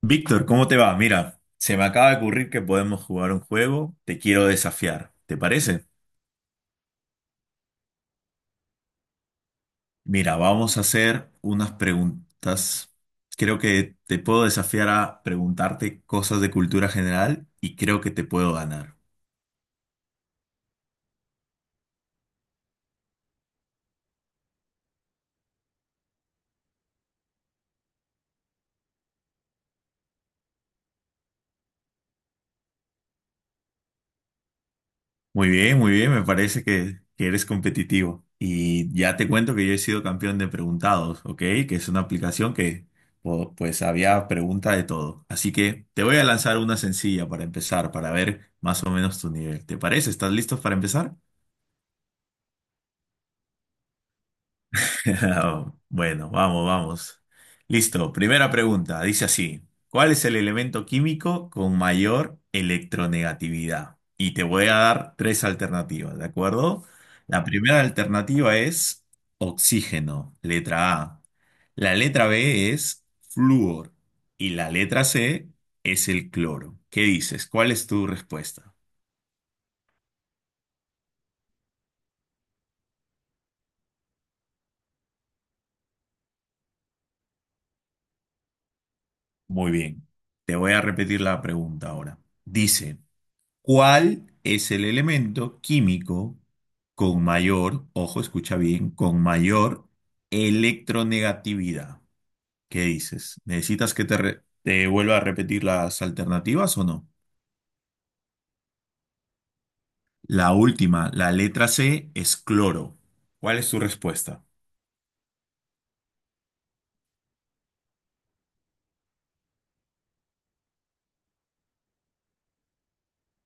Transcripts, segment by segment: Víctor, ¿cómo te va? Mira, se me acaba de ocurrir que podemos jugar un juego. Te quiero desafiar, ¿te parece? Mira, vamos a hacer unas preguntas. Creo que te puedo desafiar a preguntarte cosas de cultura general y creo que te puedo ganar. Muy bien, me parece que eres competitivo. Y ya te cuento que yo he sido campeón de Preguntados, ¿ok? Que es una aplicación que pues había pregunta de todo. Así que te voy a lanzar una sencilla para empezar, para ver más o menos tu nivel. ¿Te parece? ¿Estás listo para empezar? Bueno, vamos, vamos. Listo, primera pregunta. Dice así, ¿cuál es el elemento químico con mayor electronegatividad? Y te voy a dar tres alternativas, ¿de acuerdo? La primera alternativa es oxígeno, letra A. La letra B es flúor y la letra C es el cloro. ¿Qué dices? ¿Cuál es tu respuesta? Muy bien. Te voy a repetir la pregunta ahora. Dice, ¿cuál es el elemento químico con mayor, ojo, escucha bien, con mayor electronegatividad? ¿Qué dices? ¿Necesitas que te vuelva a repetir las alternativas o no? La última, la letra C es cloro. ¿Cuál es tu respuesta?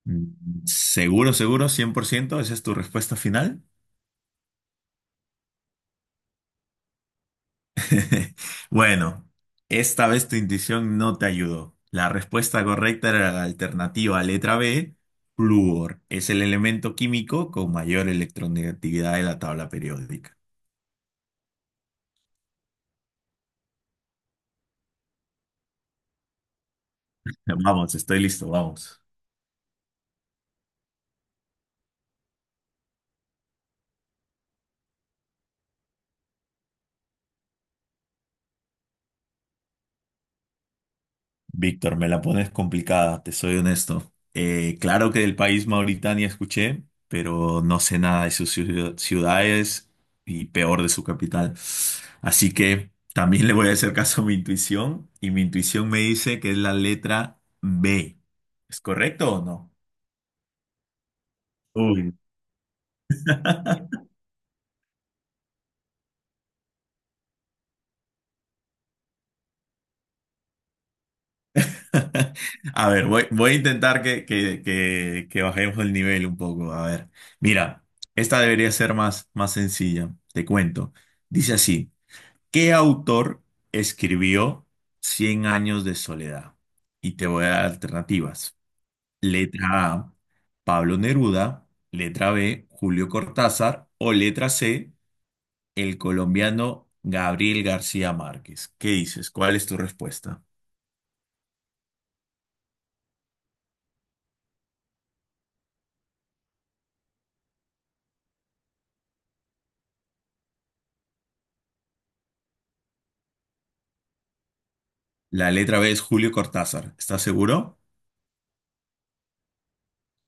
¿Seguro, seguro, 100%, esa es tu respuesta final? Bueno, esta vez tu intuición no te ayudó. La respuesta correcta era la alternativa letra B, flúor. Es el elemento químico con mayor electronegatividad de la tabla periódica. Vamos, estoy listo, vamos. Víctor, me la pones complicada, te soy honesto. Claro que del país Mauritania escuché, pero no sé nada de sus ciudades y peor de su capital. Así que también le voy a hacer caso a mi intuición y mi intuición me dice que es la letra B. ¿Es correcto o no? Uy. A ver, voy a intentar que bajemos el nivel un poco. A ver, mira, esta debería ser más sencilla, te cuento. Dice así. ¿Qué autor escribió Cien años de soledad? Y te voy a dar alternativas. Letra A, Pablo Neruda. Letra B, Julio Cortázar. O letra C, el colombiano Gabriel García Márquez. ¿Qué dices? ¿Cuál es tu respuesta? La letra B es Julio Cortázar. ¿Estás seguro?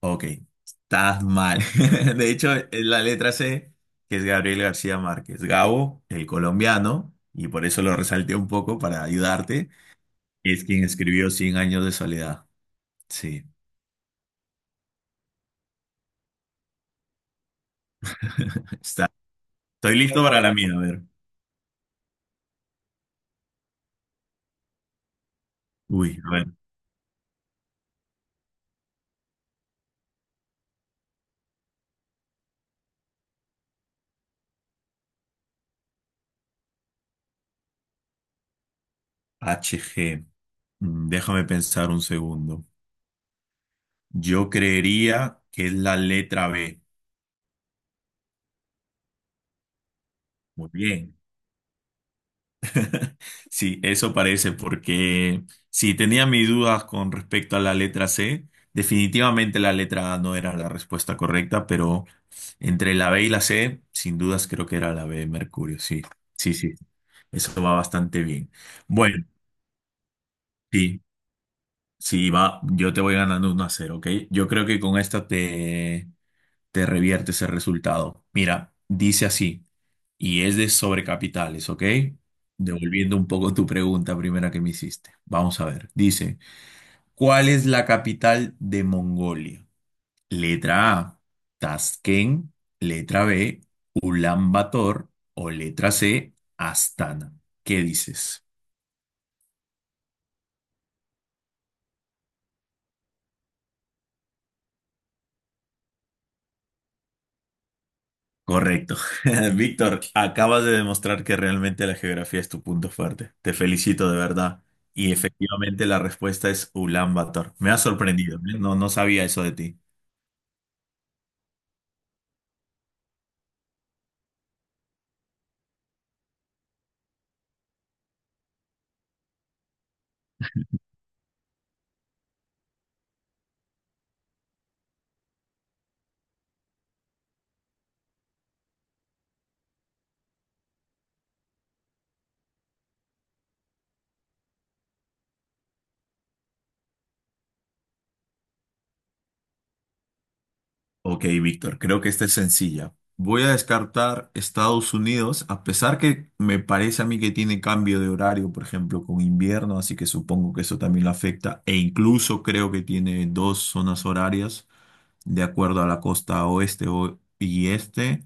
Ok, estás mal. De hecho, es la letra C, que es Gabriel García Márquez. Gabo, el colombiano, y por eso lo resalté un poco para ayudarte. Es quien escribió Cien años de soledad. Sí. Está. Estoy listo para la mía. A ver. Uy, a ver. Hg. Déjame pensar un segundo. Yo creería que es la letra B. Muy bien. Sí, eso parece, porque si tenía mis dudas con respecto a la letra C, definitivamente la letra A no era la respuesta correcta, pero entre la B y la C, sin dudas creo que era la B de Mercurio, sí, sí, sí, eso va bastante bien. Bueno, sí, sí, va, yo te voy ganando 1-0, ¿ok? Yo creo que con esta te revierte ese resultado. Mira, dice así y es de sobrecapitales, ¿ok? Devolviendo un poco tu pregunta primera que me hiciste. Vamos a ver. Dice, ¿cuál es la capital de Mongolia? Letra A, Tashkent. Letra B, Ulan Bator. O letra C, Astana. ¿Qué dices? Correcto. Víctor, acabas de demostrar que realmente la geografía es tu punto fuerte. Te felicito de verdad. Y efectivamente la respuesta es Ulan Bator. Me ha sorprendido, ¿eh? No, no sabía eso de ti. Ok, Víctor, creo que esta es sencilla. Voy a descartar Estados Unidos, a pesar que me parece a mí que tiene cambio de horario, por ejemplo, con invierno, así que supongo que eso también lo afecta, e incluso creo que tiene dos zonas horarias de acuerdo a la costa oeste y este.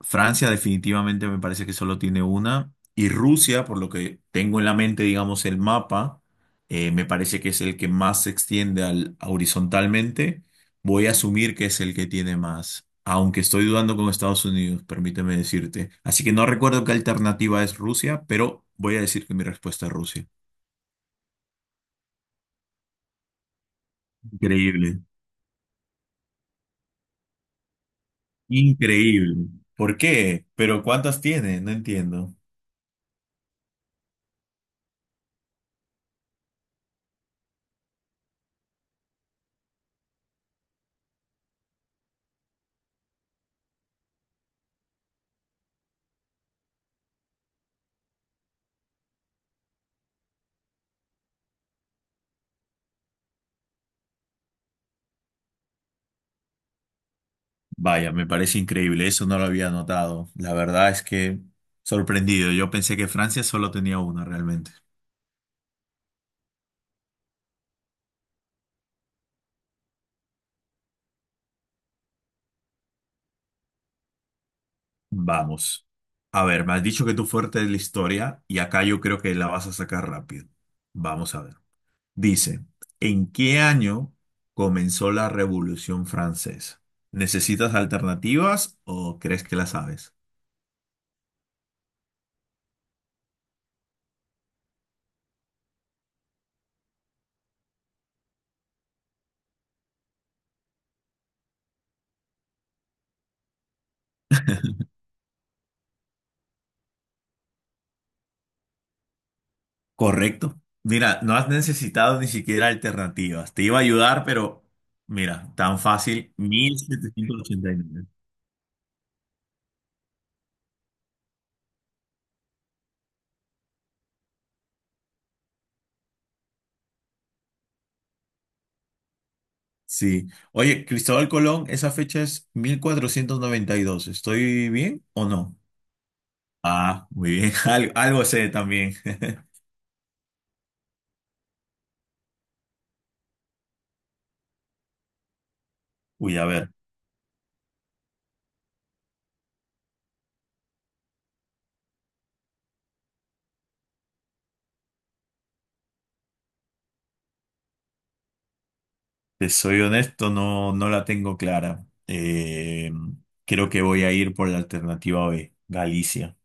Francia definitivamente me parece que solo tiene una. Y Rusia, por lo que tengo en la mente, digamos, el mapa, me parece que es el que más se extiende horizontalmente. Voy a asumir que es el que tiene más, aunque estoy dudando con Estados Unidos, permíteme decirte. Así que no recuerdo qué alternativa es Rusia, pero voy a decir que mi respuesta es Rusia. Increíble, increíble. ¿Por qué? ¿Pero cuántas tiene? No entiendo. Vaya, me parece increíble, eso no lo había notado. La verdad es que sorprendido, yo pensé que Francia solo tenía una realmente. Vamos. A ver, me has dicho que tu fuerte es la historia y acá yo creo que la vas a sacar rápido. Vamos a ver. Dice, ¿en qué año comenzó la Revolución Francesa? ¿Necesitas alternativas o crees que la sabes? Correcto. Mira, no has necesitado ni siquiera alternativas. Te iba a ayudar, pero mira, tan fácil, 1789. Sí. Oye, Cristóbal Colón, esa fecha es 1492. ¿Estoy bien o no? Ah, muy bien. Algo sé también. Uy, a ver, te soy honesto, no, no la tengo clara. Creo que voy a ir por la alternativa B, Galicia.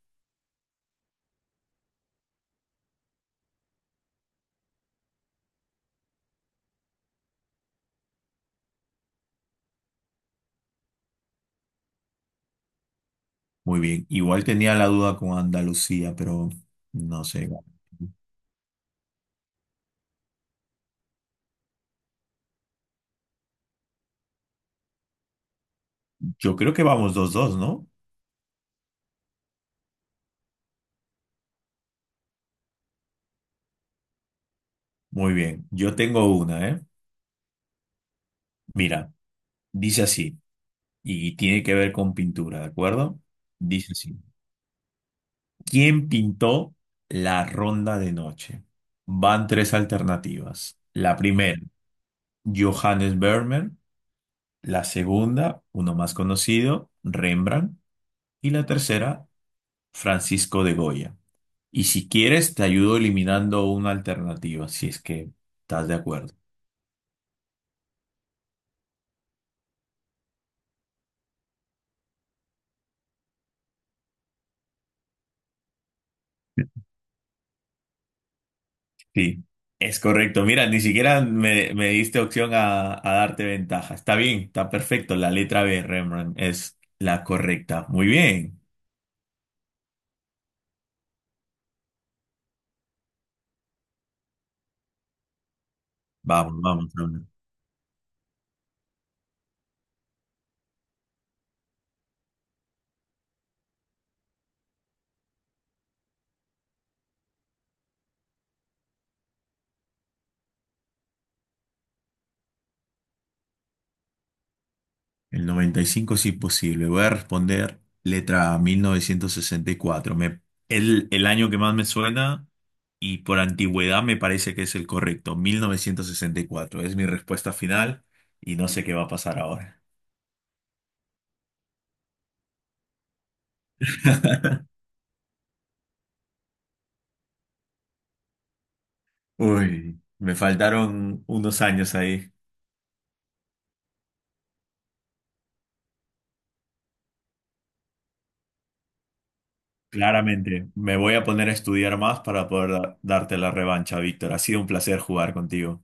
Muy bien. Igual tenía la duda con Andalucía, pero no sé. Yo creo que vamos 2-2, ¿no? Muy bien, yo tengo una, ¿eh? Mira, dice así, y tiene que ver con pintura, ¿de acuerdo? Dice así, ¿quién pintó La ronda de noche? Van tres alternativas. La primera, Johannes Vermeer. La segunda, uno más conocido, Rembrandt. Y la tercera, Francisco de Goya. Y si quieres, te ayudo eliminando una alternativa, si es que estás de acuerdo. Sí, es correcto. Mira, ni siquiera me diste opción a darte ventaja. Está bien, está perfecto. La letra B, Rembrandt, es la correcta. Muy bien. Vamos, vamos. Vamos. El 95 es imposible. Voy a responder letra A, 1964. El año que más me suena y por antigüedad me parece que es el correcto. 1964 es mi respuesta final y no sé qué va a pasar ahora. Uy, me faltaron unos años ahí. Claramente, me voy a poner a estudiar más para poder darte la revancha, Víctor. Ha sido un placer jugar contigo.